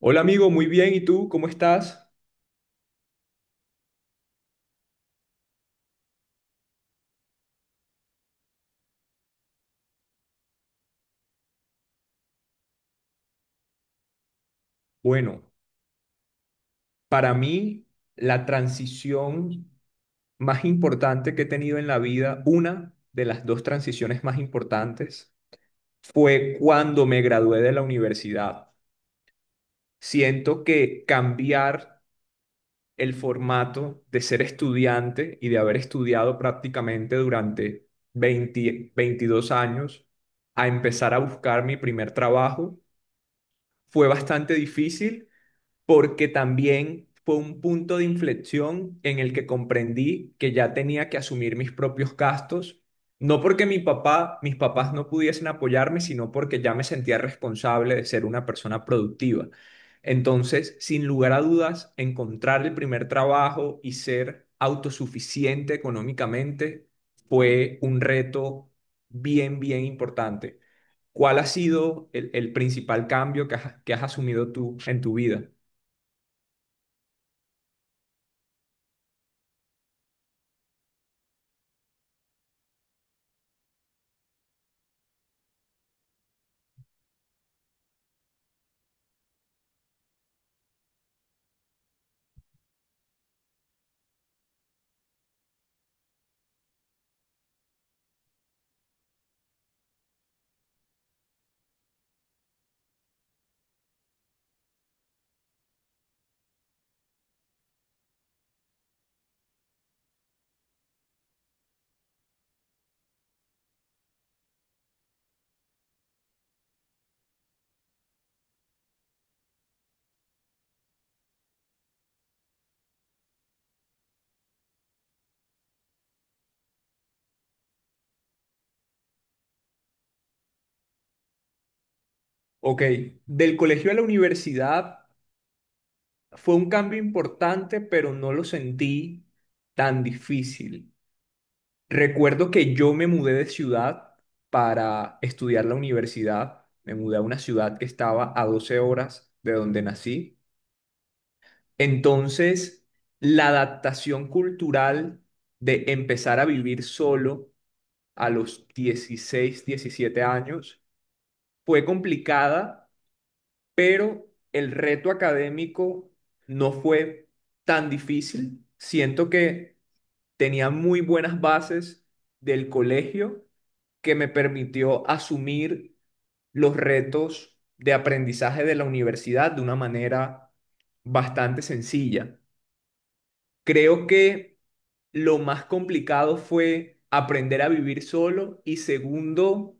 Hola amigo, muy bien. ¿Y tú cómo estás? Bueno, para mí la transición más importante que he tenido en la vida, una de las dos transiciones más importantes, fue cuando me gradué de la universidad. Siento que cambiar el formato de ser estudiante y de haber estudiado prácticamente durante 20, 22 años a empezar a buscar mi primer trabajo fue bastante difícil porque también fue un punto de inflexión en el que comprendí que ya tenía que asumir mis propios gastos, no porque mi papá, mis papás no pudiesen apoyarme, sino porque ya me sentía responsable de ser una persona productiva. Entonces, sin lugar a dudas, encontrar el primer trabajo y ser autosuficiente económicamente fue un reto bien, bien importante. ¿Cuál ha sido el principal cambio que has asumido tú en tu vida? Ok, del colegio a la universidad fue un cambio importante, pero no lo sentí tan difícil. Recuerdo que yo me mudé de ciudad para estudiar la universidad. Me mudé a una ciudad que estaba a 12 horas de donde nací. Entonces, la adaptación cultural de empezar a vivir solo a los 16, 17 años fue complicada pero el reto académico no fue tan difícil. Siento que tenía muy buenas bases del colegio que me permitió asumir los retos de aprendizaje de la universidad de una manera bastante sencilla. Creo que lo más complicado fue aprender a vivir solo y segundo,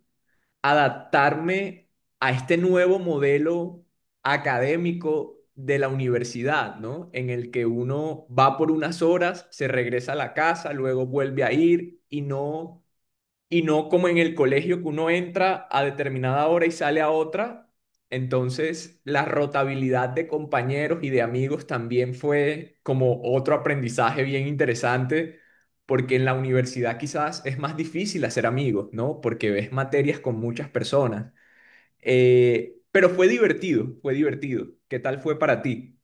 adaptarme a este nuevo modelo académico de la universidad, ¿no? En el que uno va por unas horas, se regresa a la casa, luego vuelve a ir y no como en el colegio que uno entra a determinada hora y sale a otra. Entonces, la rotabilidad de compañeros y de amigos también fue como otro aprendizaje bien interesante, porque en la universidad quizás es más difícil hacer amigos, ¿no? Porque ves materias con muchas personas. Pero fue divertido, fue divertido. ¿Qué tal fue para ti?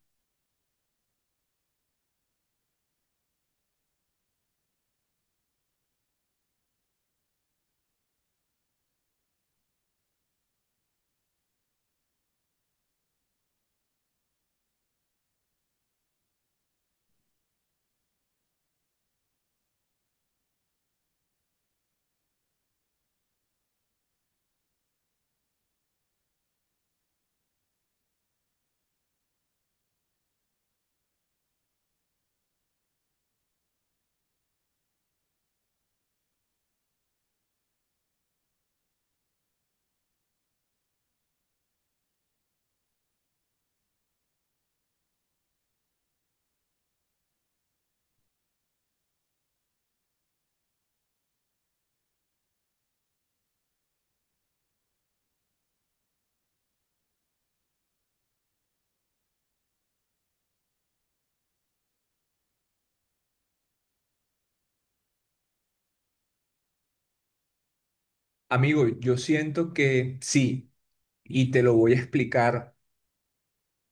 Amigo, yo siento que sí, y te lo voy a explicar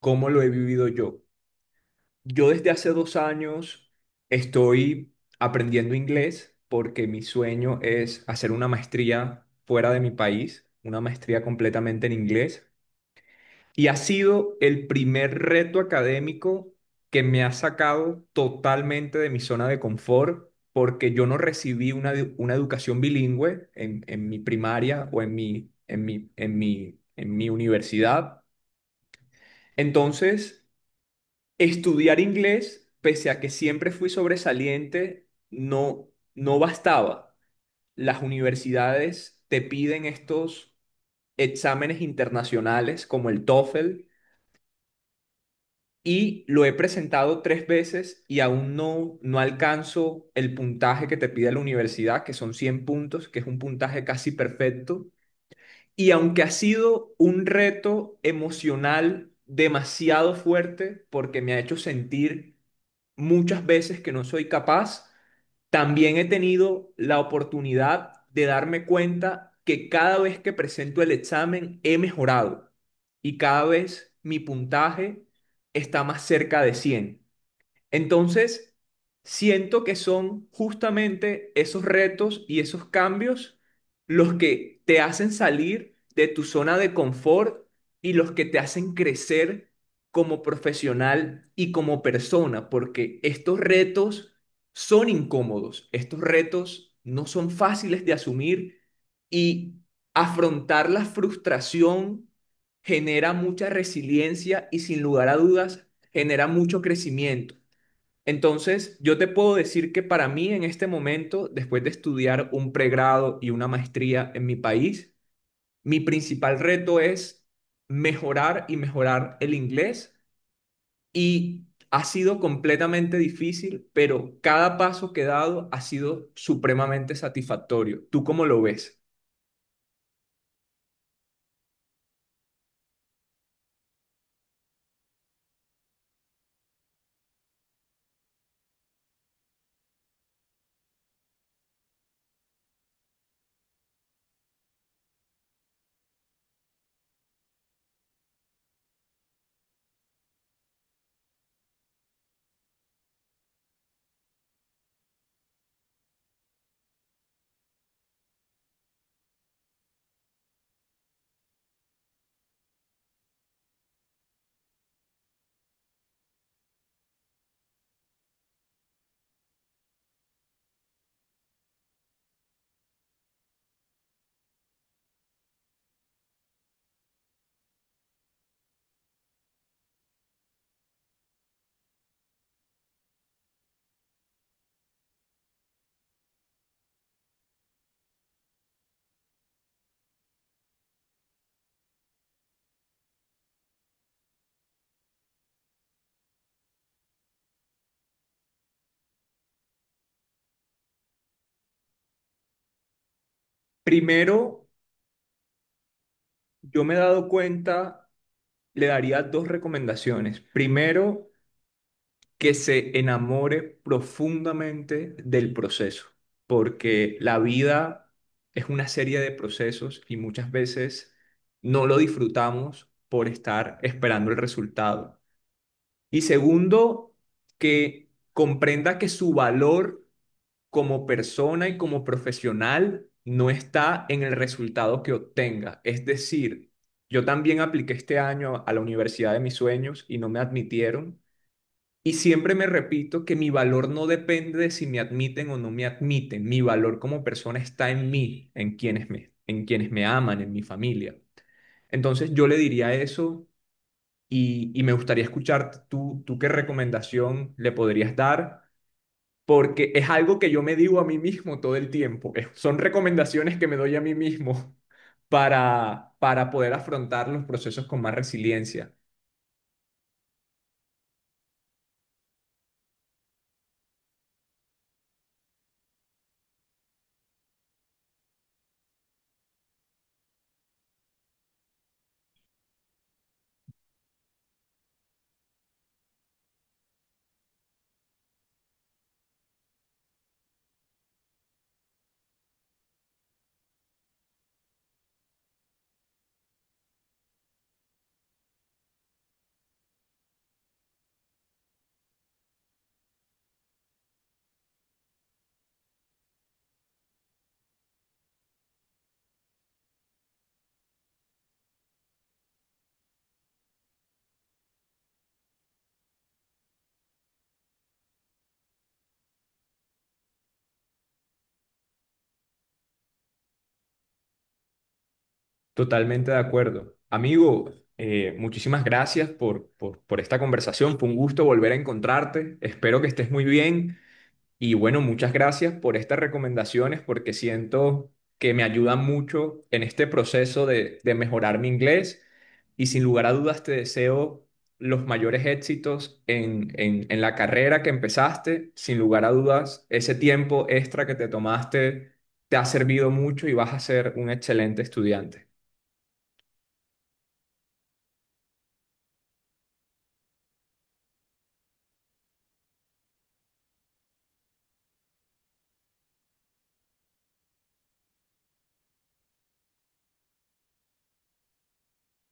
cómo lo he vivido yo. Yo desde hace 2 años estoy aprendiendo inglés porque mi sueño es hacer una maestría fuera de mi país, una maestría completamente en inglés. Y ha sido el primer reto académico que me ha sacado totalmente de mi zona de confort porque yo no recibí una educación bilingüe en mi primaria o en mi universidad. Entonces, estudiar inglés, pese a que siempre fui sobresaliente, no bastaba. Las universidades te piden estos exámenes internacionales como el TOEFL y lo he presentado 3 veces y aún no alcanzo el puntaje que te pide la universidad, que son 100 puntos, que es un puntaje casi perfecto. Y aunque ha sido un reto emocional demasiado fuerte, porque me ha hecho sentir muchas veces que no soy capaz, también he tenido la oportunidad de darme cuenta que cada vez que presento el examen he mejorado y cada vez mi puntaje está más cerca de 100. Entonces, siento que son justamente esos retos y esos cambios los que te hacen salir de tu zona de confort y los que te hacen crecer como profesional y como persona, porque estos retos son incómodos, estos retos no son fáciles de asumir y afrontar la frustración genera mucha resiliencia y sin lugar a dudas genera mucho crecimiento. Entonces, yo te puedo decir que para mí en este momento, después de estudiar un pregrado y una maestría en mi país, mi principal reto es mejorar y mejorar el inglés y ha sido completamente difícil, pero cada paso que he dado ha sido supremamente satisfactorio. ¿Tú cómo lo ves? Primero, yo me he dado cuenta, le daría dos recomendaciones. Primero, que se enamore profundamente del proceso, porque la vida es una serie de procesos y muchas veces no lo disfrutamos por estar esperando el resultado. Y segundo, que comprenda que su valor como persona y como profesional no está en el resultado que obtenga. Es decir, yo también apliqué este año a la universidad de mis sueños y no me admitieron y siempre me repito que mi valor no depende de si me admiten o no me admiten. Mi valor como persona está en mí, en quienes me aman, en mi familia. Entonces yo le diría eso y me gustaría escuchar tú qué recomendación le podrías dar, porque es algo que yo me digo a mí mismo todo el tiempo. Son recomendaciones que me doy a mí mismo para poder afrontar los procesos con más resiliencia. Totalmente de acuerdo. Amigo, muchísimas gracias por esta conversación. Fue un gusto volver a encontrarte. Espero que estés muy bien. Y bueno, muchas gracias por estas recomendaciones porque siento que me ayudan mucho en este proceso de mejorar mi inglés y sin lugar a dudas te deseo los mayores éxitos en la carrera que empezaste. Sin lugar a dudas, ese tiempo extra que te tomaste te ha servido mucho y vas a ser un excelente estudiante.